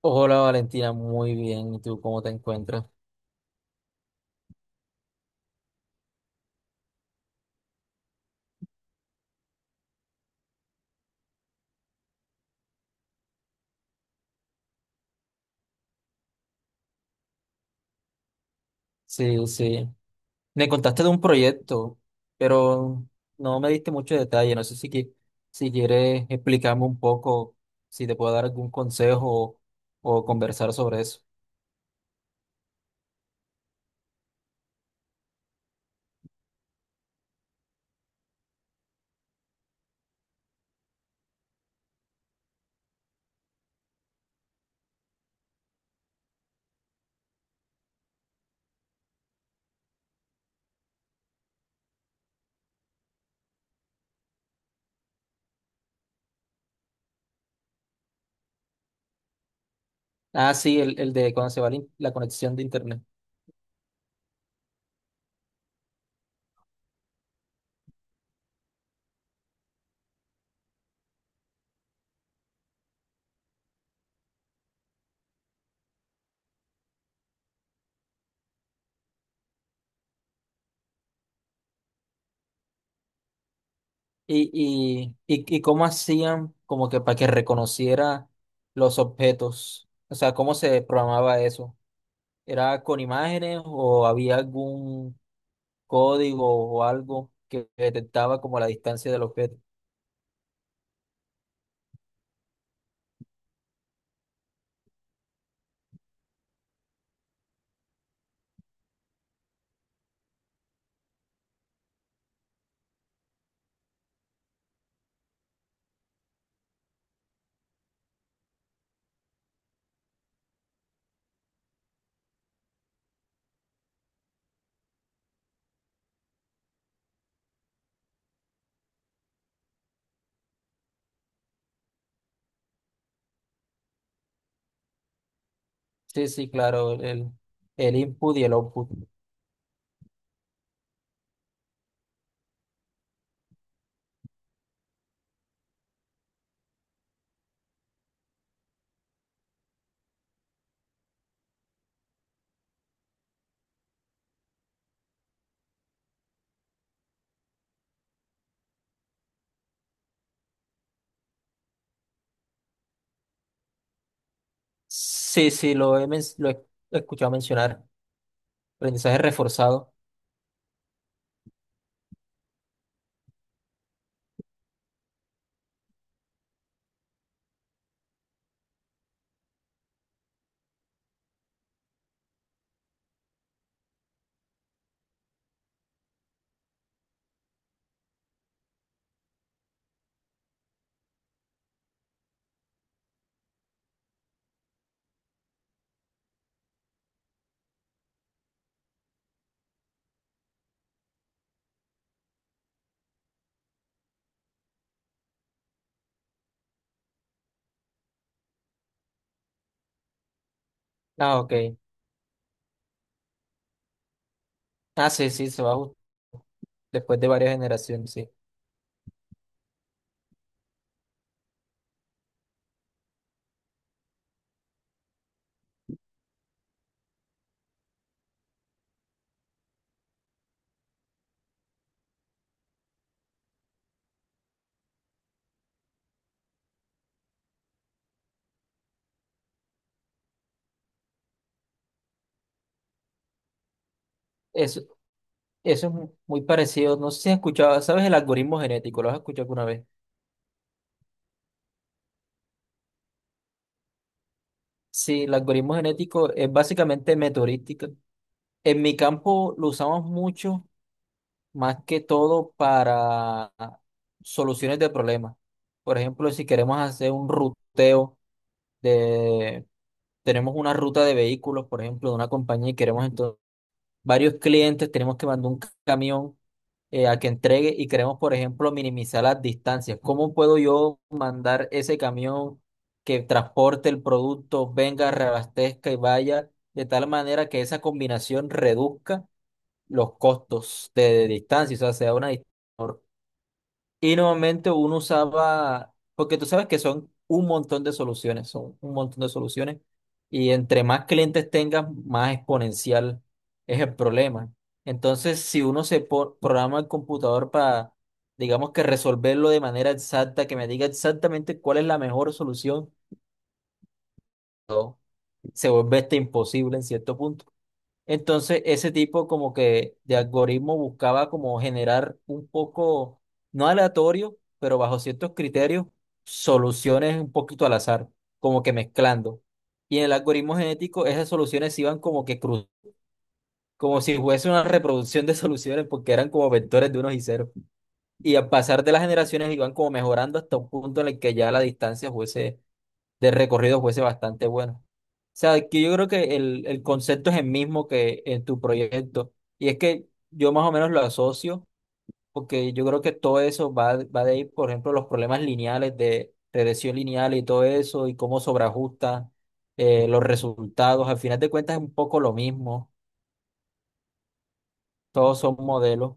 Hola Valentina, muy bien. ¿Y tú cómo te encuentras? Sí, sí. Me contaste de un proyecto, pero no me diste mucho detalle. No sé si, si quieres explicarme un poco, si te puedo dar algún consejo o conversar sobre eso. Ah, sí, el de cuando se va la la conexión de internet. Y cómo hacían como que para que reconociera los objetos. O sea, ¿cómo se programaba eso? ¿Era con imágenes o había algún código o algo que detectaba como la distancia del objeto? Sí, sí, claro, el input y el output. Sí, sí, lo he escuchado mencionar. Aprendizaje reforzado. Ah, ok. Ah, sí, sí, después de varias generaciones, sí. Eso, eso es muy parecido. No sé si has escuchado, ¿sabes el algoritmo genético? ¿Lo has escuchado alguna vez? Sí, el algoritmo genético es básicamente meteorística. En mi campo lo usamos mucho, más que todo para soluciones de problemas. Por ejemplo, si queremos hacer un ruteo de, tenemos una ruta de vehículos, por ejemplo, de una compañía y queremos entonces varios clientes, tenemos que mandar un camión a que entregue y queremos, por ejemplo, minimizar las distancias. ¿Cómo puedo yo mandar ese camión que transporte el producto, venga, reabastezca y vaya de tal manera que esa combinación reduzca los costos de distancia, o sea, sea una distancia y normalmente uno usaba, porque tú sabes que son un montón de soluciones, son un montón de soluciones. Y entre más clientes tengas, más exponencial es el problema. Entonces, si uno programa el computador para, digamos que resolverlo de manera exacta, que me diga exactamente cuál es la mejor solución, se vuelve este imposible en cierto punto. Entonces, ese tipo como que de algoritmo buscaba como generar un poco, no aleatorio, pero bajo ciertos criterios, soluciones un poquito al azar, como que mezclando. Y en el algoritmo genético, esas soluciones iban como que cruz, como si fuese una reproducción de soluciones, porque eran como vectores de unos y ceros. Y al pasar de las generaciones iban como mejorando hasta un punto en el que ya la distancia fuese de recorrido fuese bastante bueno. O sea, que yo creo que el concepto es el mismo que en tu proyecto. Y es que yo más o menos lo asocio, porque yo creo que todo eso va de ahí, por ejemplo, los problemas lineales de regresión lineal y todo eso, y cómo sobreajusta los resultados. Al final de cuentas es un poco lo mismo. Todos son modelos.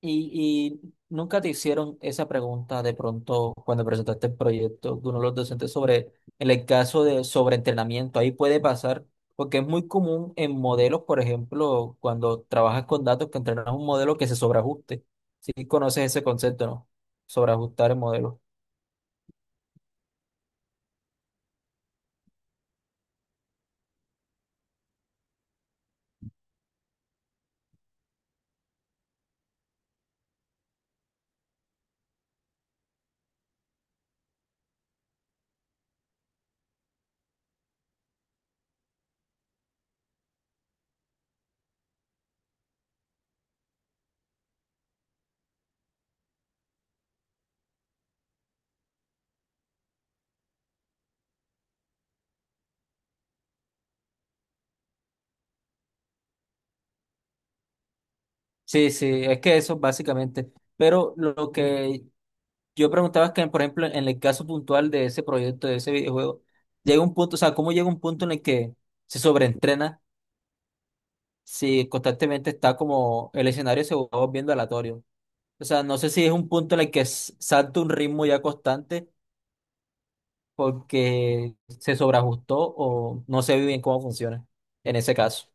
Y nunca te hicieron esa pregunta de pronto cuando presentaste el proyecto de uno de los docentes sobre en el caso de sobreentrenamiento? Ahí puede pasar, porque es muy común en modelos, por ejemplo, cuando trabajas con datos, que entrenas un modelo que se sobreajuste. Si conoces ese concepto, ¿no? Sobreajustar el modelo. Sí, sí, es que eso básicamente. Pero lo que yo preguntaba es que, por ejemplo, en el caso puntual de ese proyecto, de ese videojuego, llega un punto, o sea, ¿cómo llega un punto en el que se sobreentrena, si constantemente está como el escenario se va volviendo aleatorio? O sea, no sé si es un punto en el que salta un ritmo ya constante porque se sobreajustó o no se ve bien cómo funciona en ese caso.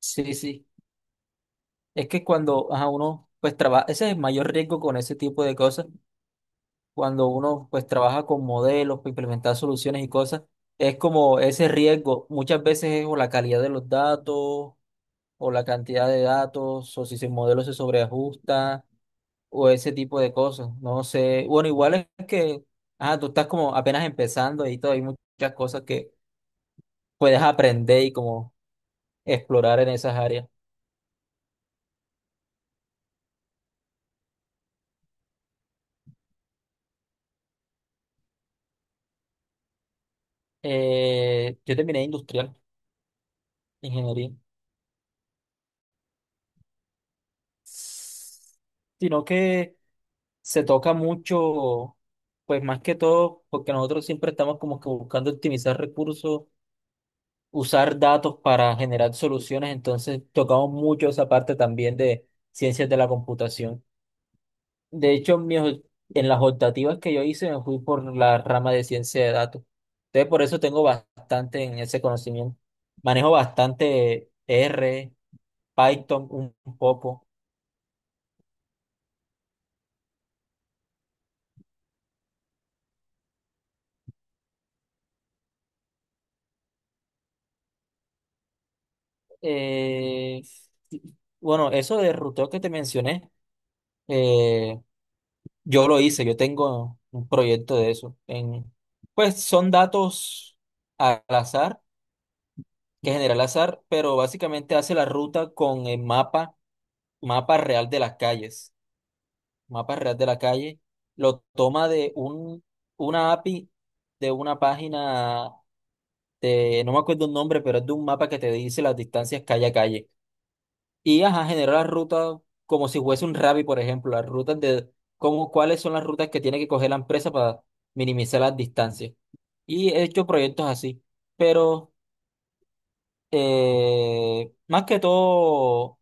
Sí, sí. Es que cuando ajá, uno pues trabaja, ese es el mayor riesgo con ese tipo de cosas, cuando uno pues trabaja con modelos, para implementar soluciones y cosas, es como ese riesgo, muchas veces es o la calidad de los datos o la cantidad de datos o si el modelo se sobreajusta o ese tipo de cosas. No sé, bueno, igual es que, ah, tú estás como apenas empezando y todo, hay muchas cosas que puedes aprender y como explorar en esas áreas. Yo terminé industrial, ingeniería, sino que se toca mucho, pues más que todo, porque nosotros siempre estamos como que buscando optimizar recursos, usar datos para generar soluciones, entonces tocamos mucho esa parte también de ciencias de la computación. De hecho, en las optativas que yo hice me fui por la rama de ciencia de datos. Entonces, por eso tengo bastante en ese conocimiento. Manejo bastante R, Python un poco. Eh, bueno, eso de ruteo que te mencioné, eh, yo lo hice, yo tengo un proyecto de eso. En, pues son datos al azar, que genera el azar, pero básicamente hace la ruta con el mapa, mapa real de las calles. Mapa Real de la Calle, lo toma de un, una API de una página de, no me acuerdo el nombre, pero es de un mapa que te dice las distancias calle a calle. Y ajá, genera las rutas como si fuese un Ravi, por ejemplo, las rutas de cómo, cuáles son las rutas que tiene que coger la empresa para minimizar las distancias. Y he hecho proyectos así, pero más que todo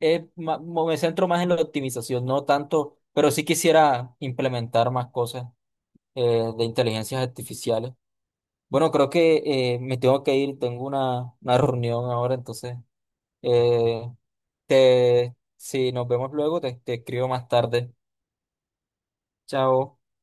es me centro más en la optimización, no tanto, pero sí quisiera implementar más cosas de inteligencias artificiales. Bueno, creo que me tengo que ir, tengo una reunión ahora, entonces, eh, te, si nos vemos luego, te escribo más tarde. Chao.